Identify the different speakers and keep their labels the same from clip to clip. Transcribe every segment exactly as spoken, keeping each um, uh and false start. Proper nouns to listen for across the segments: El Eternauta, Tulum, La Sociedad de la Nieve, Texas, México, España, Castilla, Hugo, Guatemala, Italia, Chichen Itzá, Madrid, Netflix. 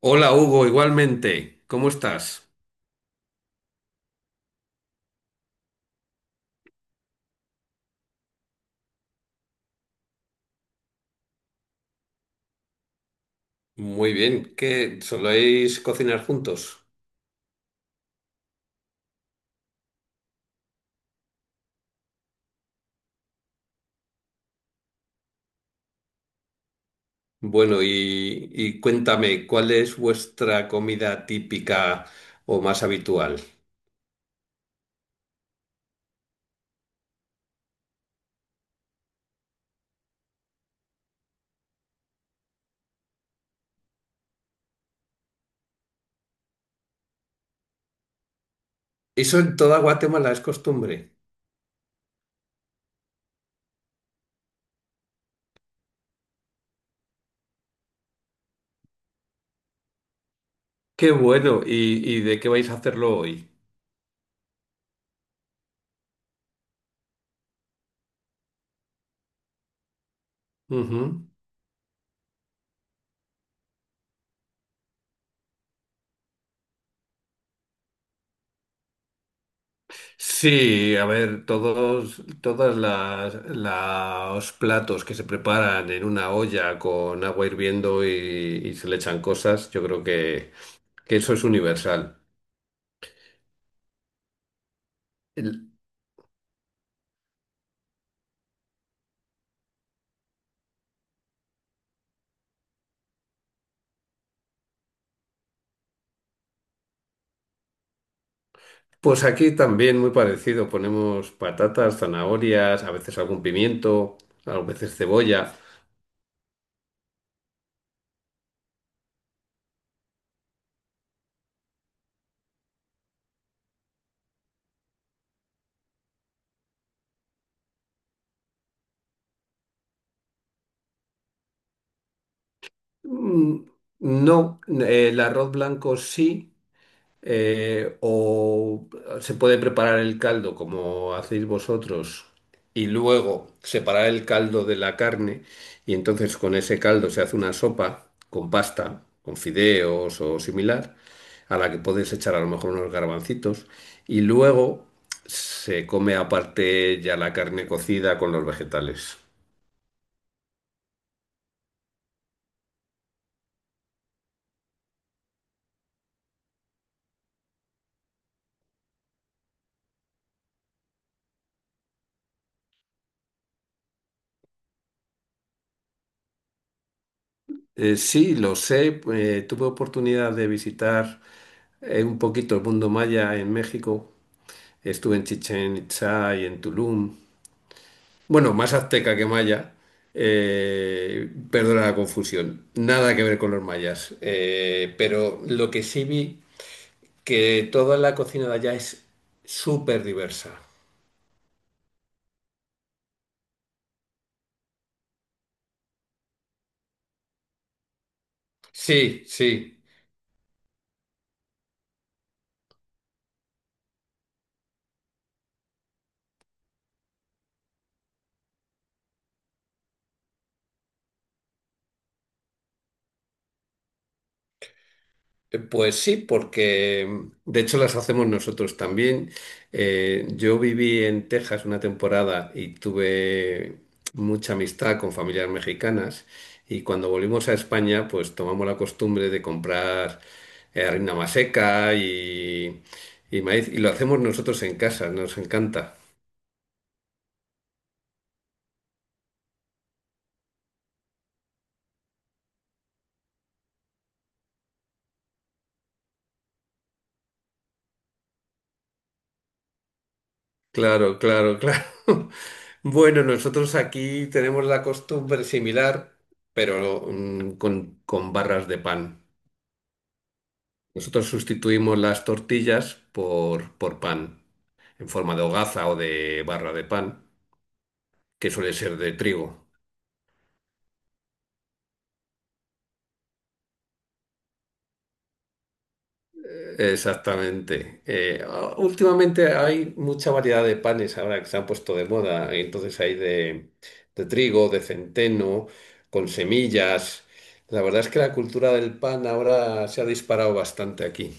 Speaker 1: Hola Hugo, igualmente. ¿Cómo estás? Muy bien, ¿qué soléis cocinar juntos? Bueno, y, y cuéntame, ¿cuál es vuestra comida típica o más habitual? Eso en toda Guatemala es costumbre. Qué bueno. ¿Y, y de qué vais a hacerlo hoy? Ujú. Sí, a ver, todos, todas las, los platos que se preparan en una olla con agua hirviendo y, y se le echan cosas, yo creo que, que eso es universal. El- Pues aquí también muy parecido, ponemos patatas, zanahorias, a veces algún pimiento, a veces cebolla. Mm, No, eh, el arroz blanco sí. eh, o se puede preparar el caldo como hacéis vosotros y luego separar el caldo de la carne y entonces con ese caldo se hace una sopa con pasta, con fideos o similar, a la que podéis echar a lo mejor unos garbancitos y luego se come aparte ya la carne cocida con los vegetales. Eh, sí, lo sé, eh, tuve oportunidad de visitar eh, un poquito el mundo maya en México. Estuve en Chichen Itzá y en Tulum. Bueno, más azteca que maya. Eh, perdona la confusión. Nada que ver con los mayas. Eh, pero lo que sí vi, que toda la cocina de allá es súper diversa. Sí, sí. Eh, Pues sí, porque mm, de hecho las hacemos nosotros también. Eh, yo viví en Texas una temporada y tuve mucha amistad con familias mexicanas y cuando volvimos a España pues tomamos la costumbre de comprar eh, harina maseca y, y maíz y lo hacemos nosotros en casa, nos encanta. Claro, claro, claro. Bueno, nosotros aquí tenemos la costumbre similar, pero mm, con con barras de pan. Nosotros sustituimos las tortillas por, por pan, en forma de hogaza o de barra de pan, que suele ser de trigo. Exactamente. Eh, ah, últimamente hay mucha variedad de panes ahora que se han puesto de moda. y Entonces hay de, de trigo, de centeno, con semillas. La verdad es que la cultura del pan ahora se ha disparado bastante aquí.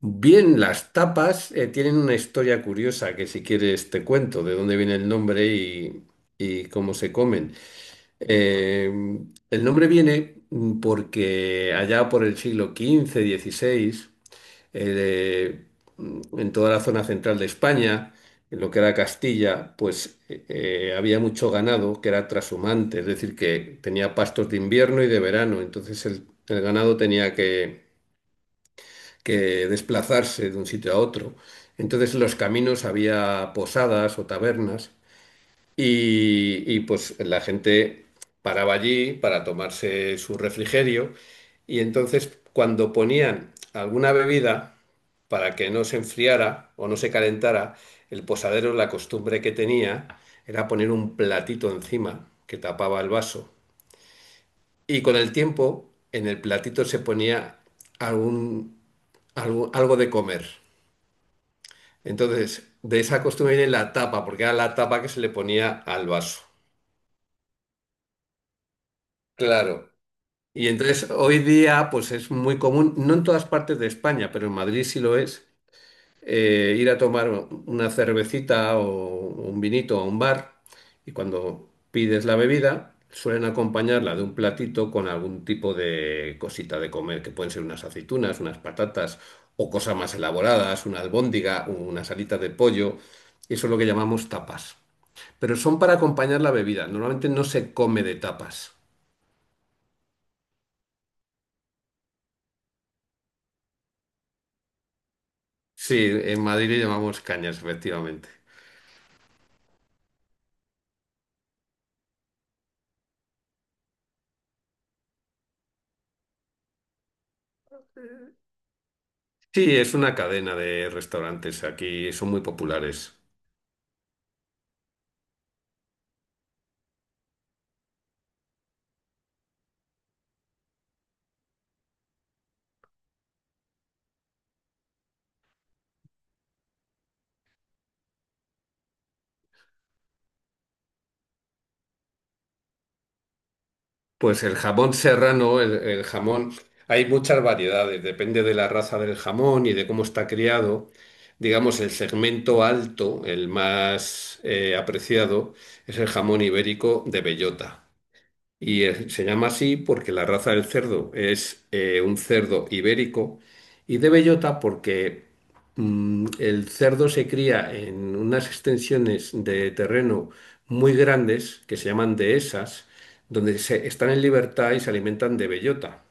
Speaker 1: Bien, las tapas eh, tienen una historia curiosa que si quieres te cuento de dónde viene el nombre y, y cómo se comen. Eh, el nombre viene mm, porque allá por el siglo quince, dieciséis, eh, mm, en toda la zona central de España, en lo que era Castilla, pues eh, eh, había mucho ganado que era trashumante, es decir, que tenía pastos de invierno y de verano, entonces el el ganado tenía que que desplazarse de un sitio a otro. Entonces en los caminos había posadas o tabernas y, y, pues la gente paraba allí para tomarse su refrigerio y entonces cuando ponían alguna bebida para que no se enfriara o no se calentara, el posadero la costumbre que tenía era poner un platito encima que tapaba el vaso, y con el tiempo en el platito se ponía algún, algo algo de comer. Entonces, de esa costumbre viene la tapa, porque era la tapa que se le ponía al vaso. Claro. Y entonces hoy día, pues es muy común, no en todas partes de España, pero en Madrid sí lo es, eh, ir a tomar una cervecita o un vinito a un bar y cuando pides la bebida suelen acompañarla de un platito con algún tipo de cosita de comer, que pueden ser unas aceitunas, unas patatas o cosas más elaboradas, una albóndiga, unas alitas de pollo. Eso es lo que llamamos tapas, pero son para acompañar la bebida. Normalmente no se come de tapas. Sí, en Madrid le llamamos cañas, efectivamente. Sí, es una cadena de restaurantes aquí, son muy populares. Pues el jamón serrano, el, el jamón, hay muchas variedades, depende de la raza del jamón y de cómo está criado. Digamos, el segmento alto, el más eh, apreciado, es el jamón ibérico de bellota. Y eh, se llama así porque la raza del cerdo es eh, un cerdo ibérico y de bellota porque mm, el cerdo se cría en unas extensiones de terreno muy grandes que se llaman dehesas, donde se, están en libertad y se alimentan de bellota.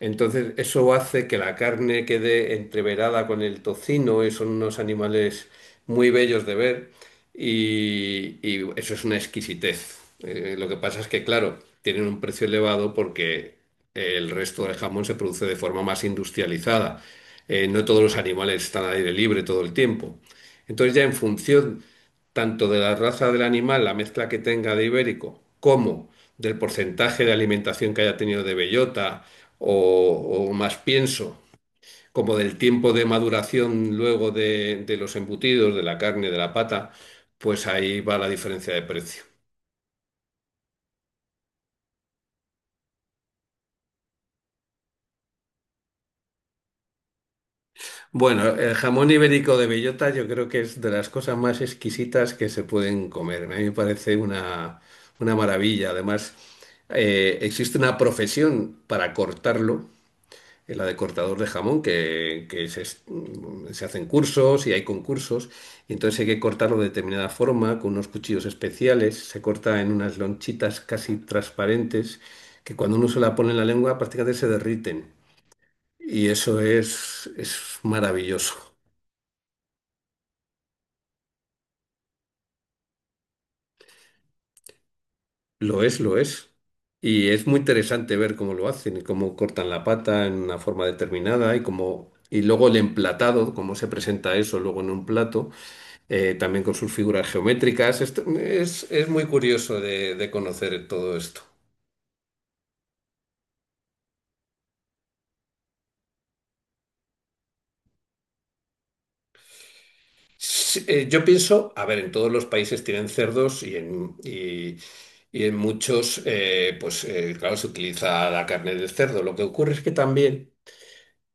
Speaker 1: Entonces, eso hace que la carne quede entreverada con el tocino, y son unos animales muy bellos de ver, y, y eso es una exquisitez. Eh, lo que pasa es que, claro, tienen un precio elevado porque el resto del jamón se produce de forma más industrializada. Eh, no todos los animales están al aire libre todo el tiempo. Entonces, ya en función tanto de la raza del animal, la mezcla que tenga de ibérico, como del porcentaje de alimentación que haya tenido de bellota o, o más pienso, como del tiempo de maduración luego de, de los embutidos, de la carne, de la pata, pues ahí va la diferencia de precio. Bueno, el jamón ibérico de bellota yo creo que es de las cosas más exquisitas que se pueden comer. A mí me parece una, una maravilla. Además, eh, existe una profesión para cortarlo, la de cortador de jamón, que, que se, es- mm, se hacen cursos y hay concursos, y entonces hay que cortarlo de determinada forma, con unos cuchillos especiales, se corta en unas lonchitas casi transparentes, que cuando uno se la pone en la lengua prácticamente se derriten. Y eso es, es maravilloso. Lo es, lo es. Y es muy interesante ver cómo lo hacen y cómo cortan la pata en una forma determinada y cómo, y luego el emplatado, cómo se presenta eso luego en un plato. eh, también con sus figuras geométricas. Esto es, es muy curioso de, de conocer todo esto. Sí, eh, yo pienso, a ver, en todos los países tienen cerdos y en, y, y en muchos, eh, pues eh, claro, se utiliza la carne del cerdo. Lo que ocurre es que también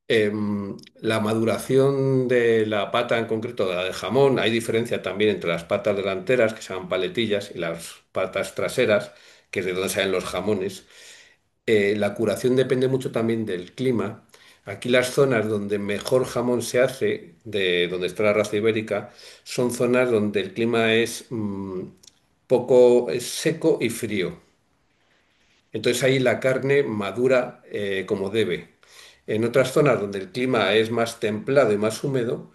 Speaker 1: em, la maduración de la pata, en concreto de la de jamón, hay diferencia también entre las patas delanteras, que se llaman paletillas, y las patas traseras, que es de donde salen los jamones. Eh, la curación depende mucho también del clima. Aquí las zonas donde mejor jamón se hace, de donde está la raza ibérica, son zonas donde el clima es mm, poco es seco y frío. Entonces ahí la carne madura eh, como debe. En otras zonas donde el clima es más templado y más húmedo,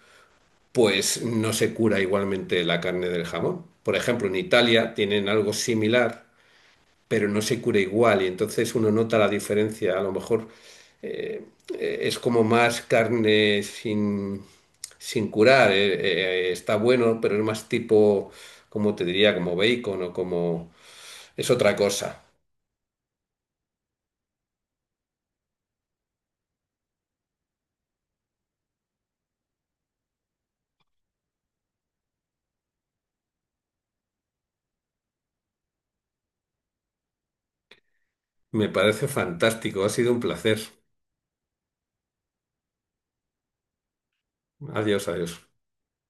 Speaker 1: pues no se cura igualmente la carne del jamón. Por ejemplo, en Italia tienen algo similar, pero no se cura igual y entonces uno nota la diferencia. A lo mejor eh, eh, es como más carne sin, sin curar, eh, eh, está bueno, pero es más tipo, como te diría, como bacon o como... es otra cosa. Me parece fantástico, ha sido un placer. Adiós, adiós.